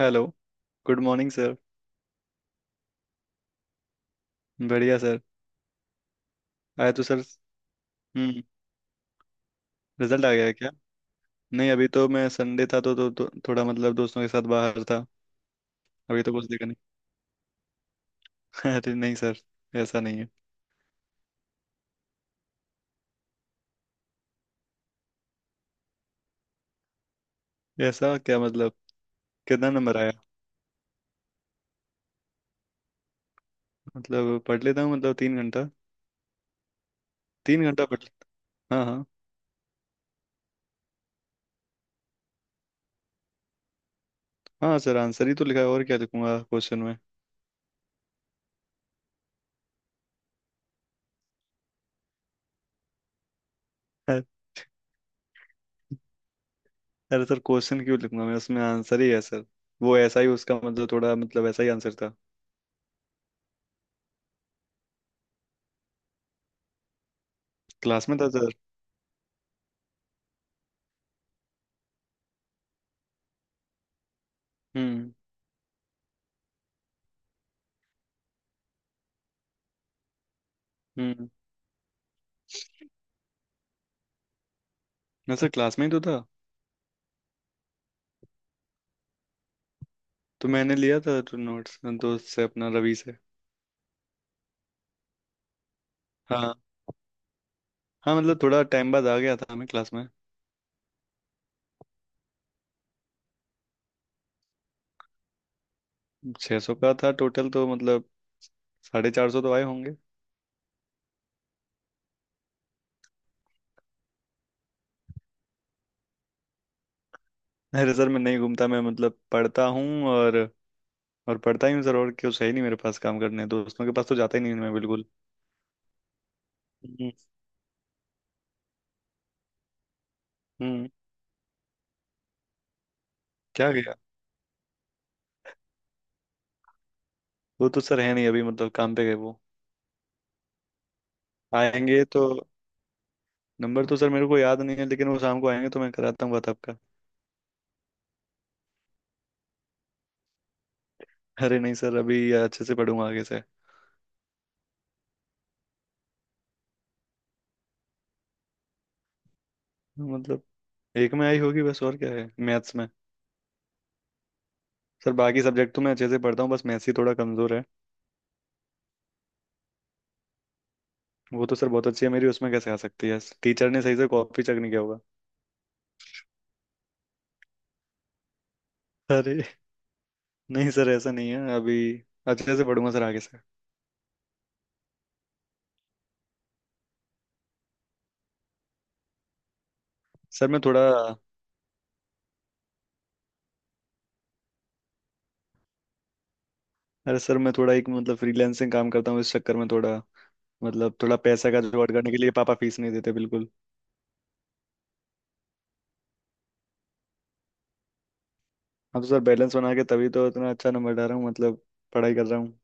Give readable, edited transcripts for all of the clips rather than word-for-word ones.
Hello. Good morning sir. बढ़िया sir. आया तो सर। हम्म। रिजल्ट आ गया है क्या। नहीं अभी तो मैं संडे था तो थोड़ा मतलब दोस्तों के साथ बाहर था। अभी तो कुछ देखा नहीं। अरे नहीं सर ऐसा नहीं है। ऐसा क्या मतलब। कितना नंबर आया। मतलब पढ़ लेता हूँ मतलब 3 घंटा। 3 घंटा पढ़, हाँ हाँ। हाँ सर आंसर ही तो लिखा है, और क्या लिखूंगा क्वेश्चन में। अरे, अरे सर क्वेश्चन क्यों लिखूंगा मैं, उसमें आंसर ही है सर। वो ऐसा ही उसका मतलब थोड़ा मतलब ऐसा ही आंसर था। क्लास में था सर। हम्म हम्म। ना सर क्लास में ही तो था। तो मैंने लिया था तो नोट्स दोस्त से अपना रवि से। हाँ हाँ, मतलब थोड़ा टाइम बाद आ गया था हमें क्लास में। 600 सौ का था टोटल तो मतलब 450 तो आए होंगे। अरे सर मैं नहीं घूमता, मैं मतलब पढ़ता हूँ और पढ़ता ही हूँ सर, और क्यों सही नहीं मेरे पास काम करने, दोस्तों के पास तो जाता ही नहीं मैं बिल्कुल। हम्म हम्म। क्या गया। वो तो सर है नहीं अभी, मतलब काम पे गए वो, आएंगे तो नंबर तो सर मेरे को याद नहीं है, लेकिन वो शाम को आएंगे तो मैं कराता हूँ बात आपका। अरे नहीं सर अभी अच्छे से पढ़ूंगा आगे से। मतलब एक में आई होगी बस, और क्या है, मैथ्स में। सर बाकी सब्जेक्ट तो मैं अच्छे से पढ़ता हूँ, बस मैथ्स ही थोड़ा कमजोर है। वो तो सर बहुत अच्छी है मेरी, उसमें कैसे आ सकती है, टीचर ने सही से कॉपी चेक नहीं किया होगा। अरे नहीं सर ऐसा नहीं है, अभी अच्छे से पढ़ूंगा सर आगे से। सर मैं थोड़ा अरे सर मैं थोड़ा एक मतलब फ्रीलांसिंग काम करता हूँ, इस चक्कर में थोड़ा मतलब थोड़ा पैसा का जुगाड़ करने के लिए, पापा फीस नहीं देते बिल्कुल। हाँ तो सर बैलेंस बना के तभी तो इतना अच्छा नंबर ला रहा हूँ, मतलब पढ़ाई कर रहा हूँ।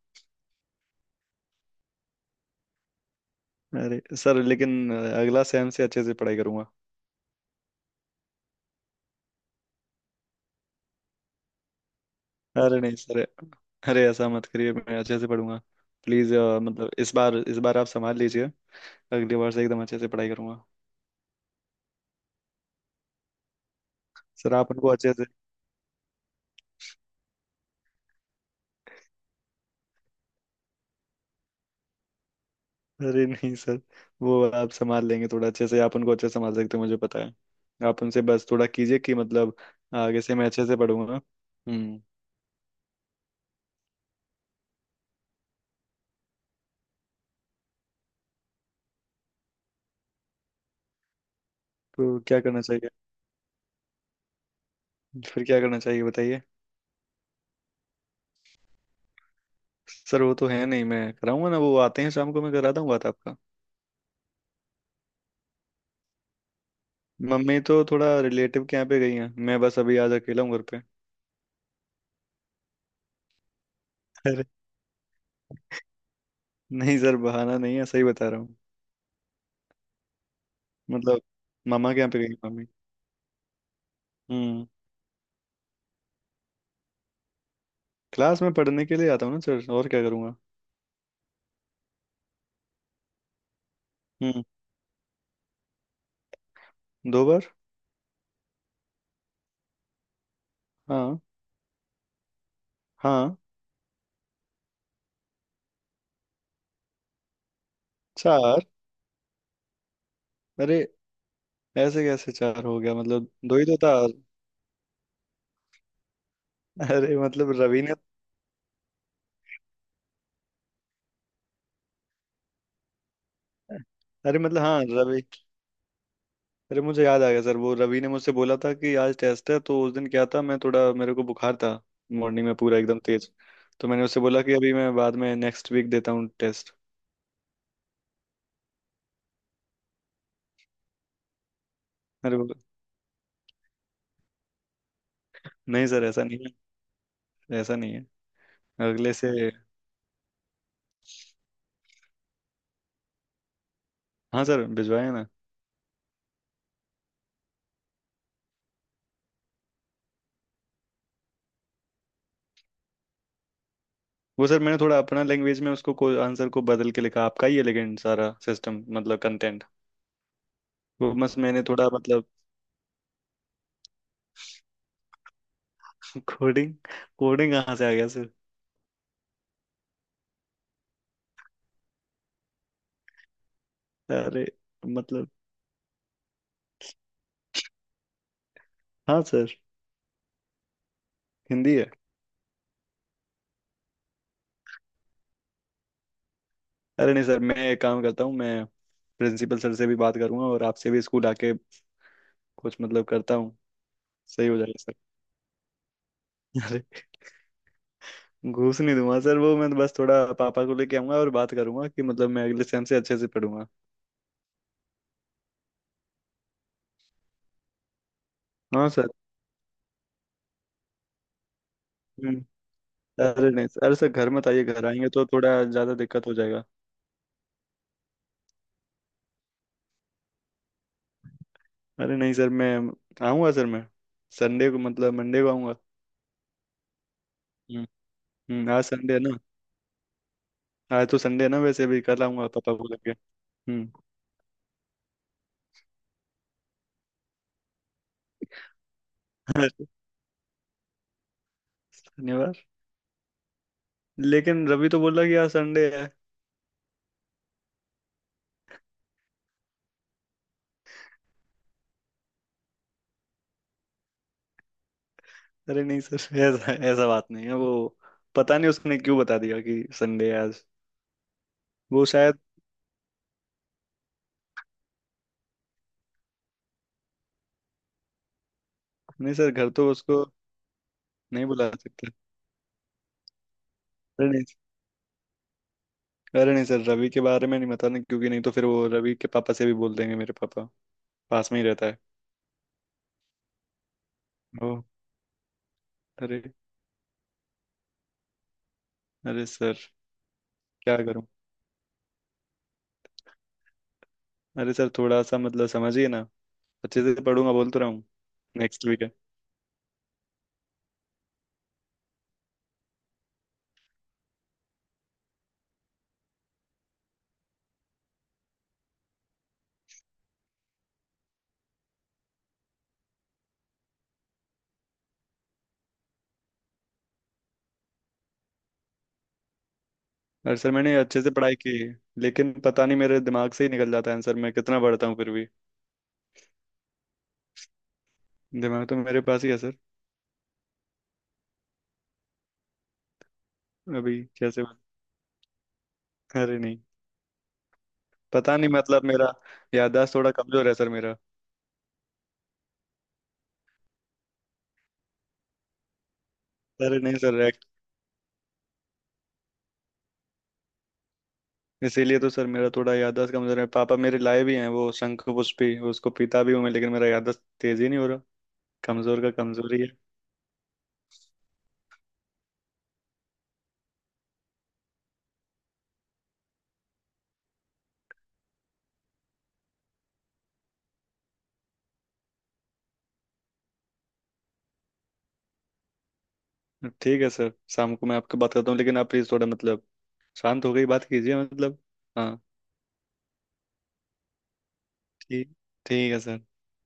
अरे सर लेकिन अगला सेम से अच्छे से पढ़ाई करूंगा। अरे नहीं सर, अरे ऐसा मत करिए मैं अच्छे से पढ़ूंगा। प्लीज मतलब इस बार, इस बार आप संभाल लीजिए, अगली बार से एकदम अच्छे से पढ़ाई करूंगा। सर आप उनको अच्छे से, अरे नहीं सर वो आप संभाल लेंगे थोड़ा अच्छे से, आप उनको अच्छे से संभाल सकते हो मुझे पता है। आप उनसे बस थोड़ा कीजिए कि मतलब आगे से मैं अच्छे से पढ़ूंगा। हम्म। तो क्या करना चाहिए, फिर क्या करना चाहिए बताइए। सर वो तो है नहीं, मैं कराऊंगा ना, वो आते हैं शाम को मैं करा दूंगा बात आपका। मम्मी तो थोड़ा रिलेटिव के यहाँ पे गई हैं, मैं बस अभी आज अकेला हूँ घर पे। नहीं सर बहाना नहीं है, सही बता रहा हूँ। मतलब मामा के यहाँ पे गई मम्मी। हम्म। क्लास में पढ़ने के लिए आता हूँ ना सर, और क्या करूँगा। हम्म। 2 बार। हाँ हाँ। चार, अरे ऐसे कैसे चार हो गया, मतलब दो ही तो था। अरे मतलब रवि ने, अरे मतलब हाँ रवि, अरे मुझे याद आ गया सर, वो रवि ने मुझसे बोला था कि आज टेस्ट है, तो उस दिन क्या था मैं थोड़ा, मेरे को बुखार था मॉर्निंग में पूरा एकदम तेज। तो मैंने उससे बोला कि अभी मैं बाद में नेक्स्ट वीक देता हूँ टेस्ट। अरे बोला, नहीं सर ऐसा नहीं है, ऐसा नहीं है। अगले से, हाँ सर भिजवाया ना। वो सर मैंने थोड़ा अपना लैंग्वेज में आंसर को बदल के लिखा, आपका ही है लेकिन, सारा सिस्टम मतलब कंटेंट। वो बस मैंने थोड़ा मतलब, कोडिंग, कोडिंग कहाँ से आ गया सर। अरे मतलब हाँ सर, हिंदी है। अरे नहीं सर मैं एक काम करता हूँ, मैं प्रिंसिपल सर से भी बात करूंगा और आपसे भी स्कूल आके कुछ मतलब करता हूँ, सही हो जाएगा सर। अरे, घूस नहीं दूंगा सर, वो मैं बस थोड़ा पापा को लेके आऊंगा और बात करूंगा कि मतलब मैं अगले सेम से अच्छे से पढ़ूंगा। हाँ सर। अरे नहीं सर, अरे सर घर मत आइए, घर आएंगे तो थोड़ा ज़्यादा दिक्कत हो जाएगा अरे नहीं सर मैं आऊँगा सर, मैं संडे को मतलब मंडे को आऊँगा। हम्म। आज संडे है ना। आज तो संडे है ना, वैसे भी कल आऊँगा पापा को लेके। हम्म। अरे, शनिवार। लेकिन रवि तो बोला कि आज संडे है। अरे नहीं सर ऐसा ऐसा बात नहीं है, वो पता नहीं उसने क्यों बता दिया कि संडे है आज। वो शायद, नहीं सर घर तो उसको नहीं बुला सकते। अरे नहीं अरे नहीं सर रवि के बारे में नहीं बताना, क्योंकि नहीं तो फिर वो रवि के पापा से भी बोल देंगे मेरे पापा, पास में ही रहता है। ओ, अरे, अरे सर क्या करूं। अरे सर थोड़ा सा मतलब समझिए ना, अच्छे से पढ़ूंगा बोल तो रहा हूँ, नेक्स्ट वीक है। अरे सर मैंने अच्छे से पढ़ाई की है, लेकिन पता नहीं मेरे दिमाग से ही निकल जाता है आंसर, मैं कितना पढ़ता हूँ फिर भी। दिमाग तो मेरे पास ही है सर। अभी कैसे, अरे नहीं, पता नहीं मतलब मेरा याददाश्त थोड़ा कमजोर है सर मेरा। अरे नहीं सर एक-, इसीलिए तो सर मेरा थोड़ा याददाश्त कमजोर है, पापा मेरे लाए भी हैं वो शंख पुष्पी, उसको पीता भी हूं मैं, लेकिन मेरा याददाश्त तेज ही नहीं हो रहा, कमजोर का कमजोरी है। ठीक है सर, शाम को मैं आपको बात करता हूँ, लेकिन आप प्लीज थोड़ा मतलब शांत हो गई बात कीजिए, मतलब। हाँ। ठीक ठीक है सर।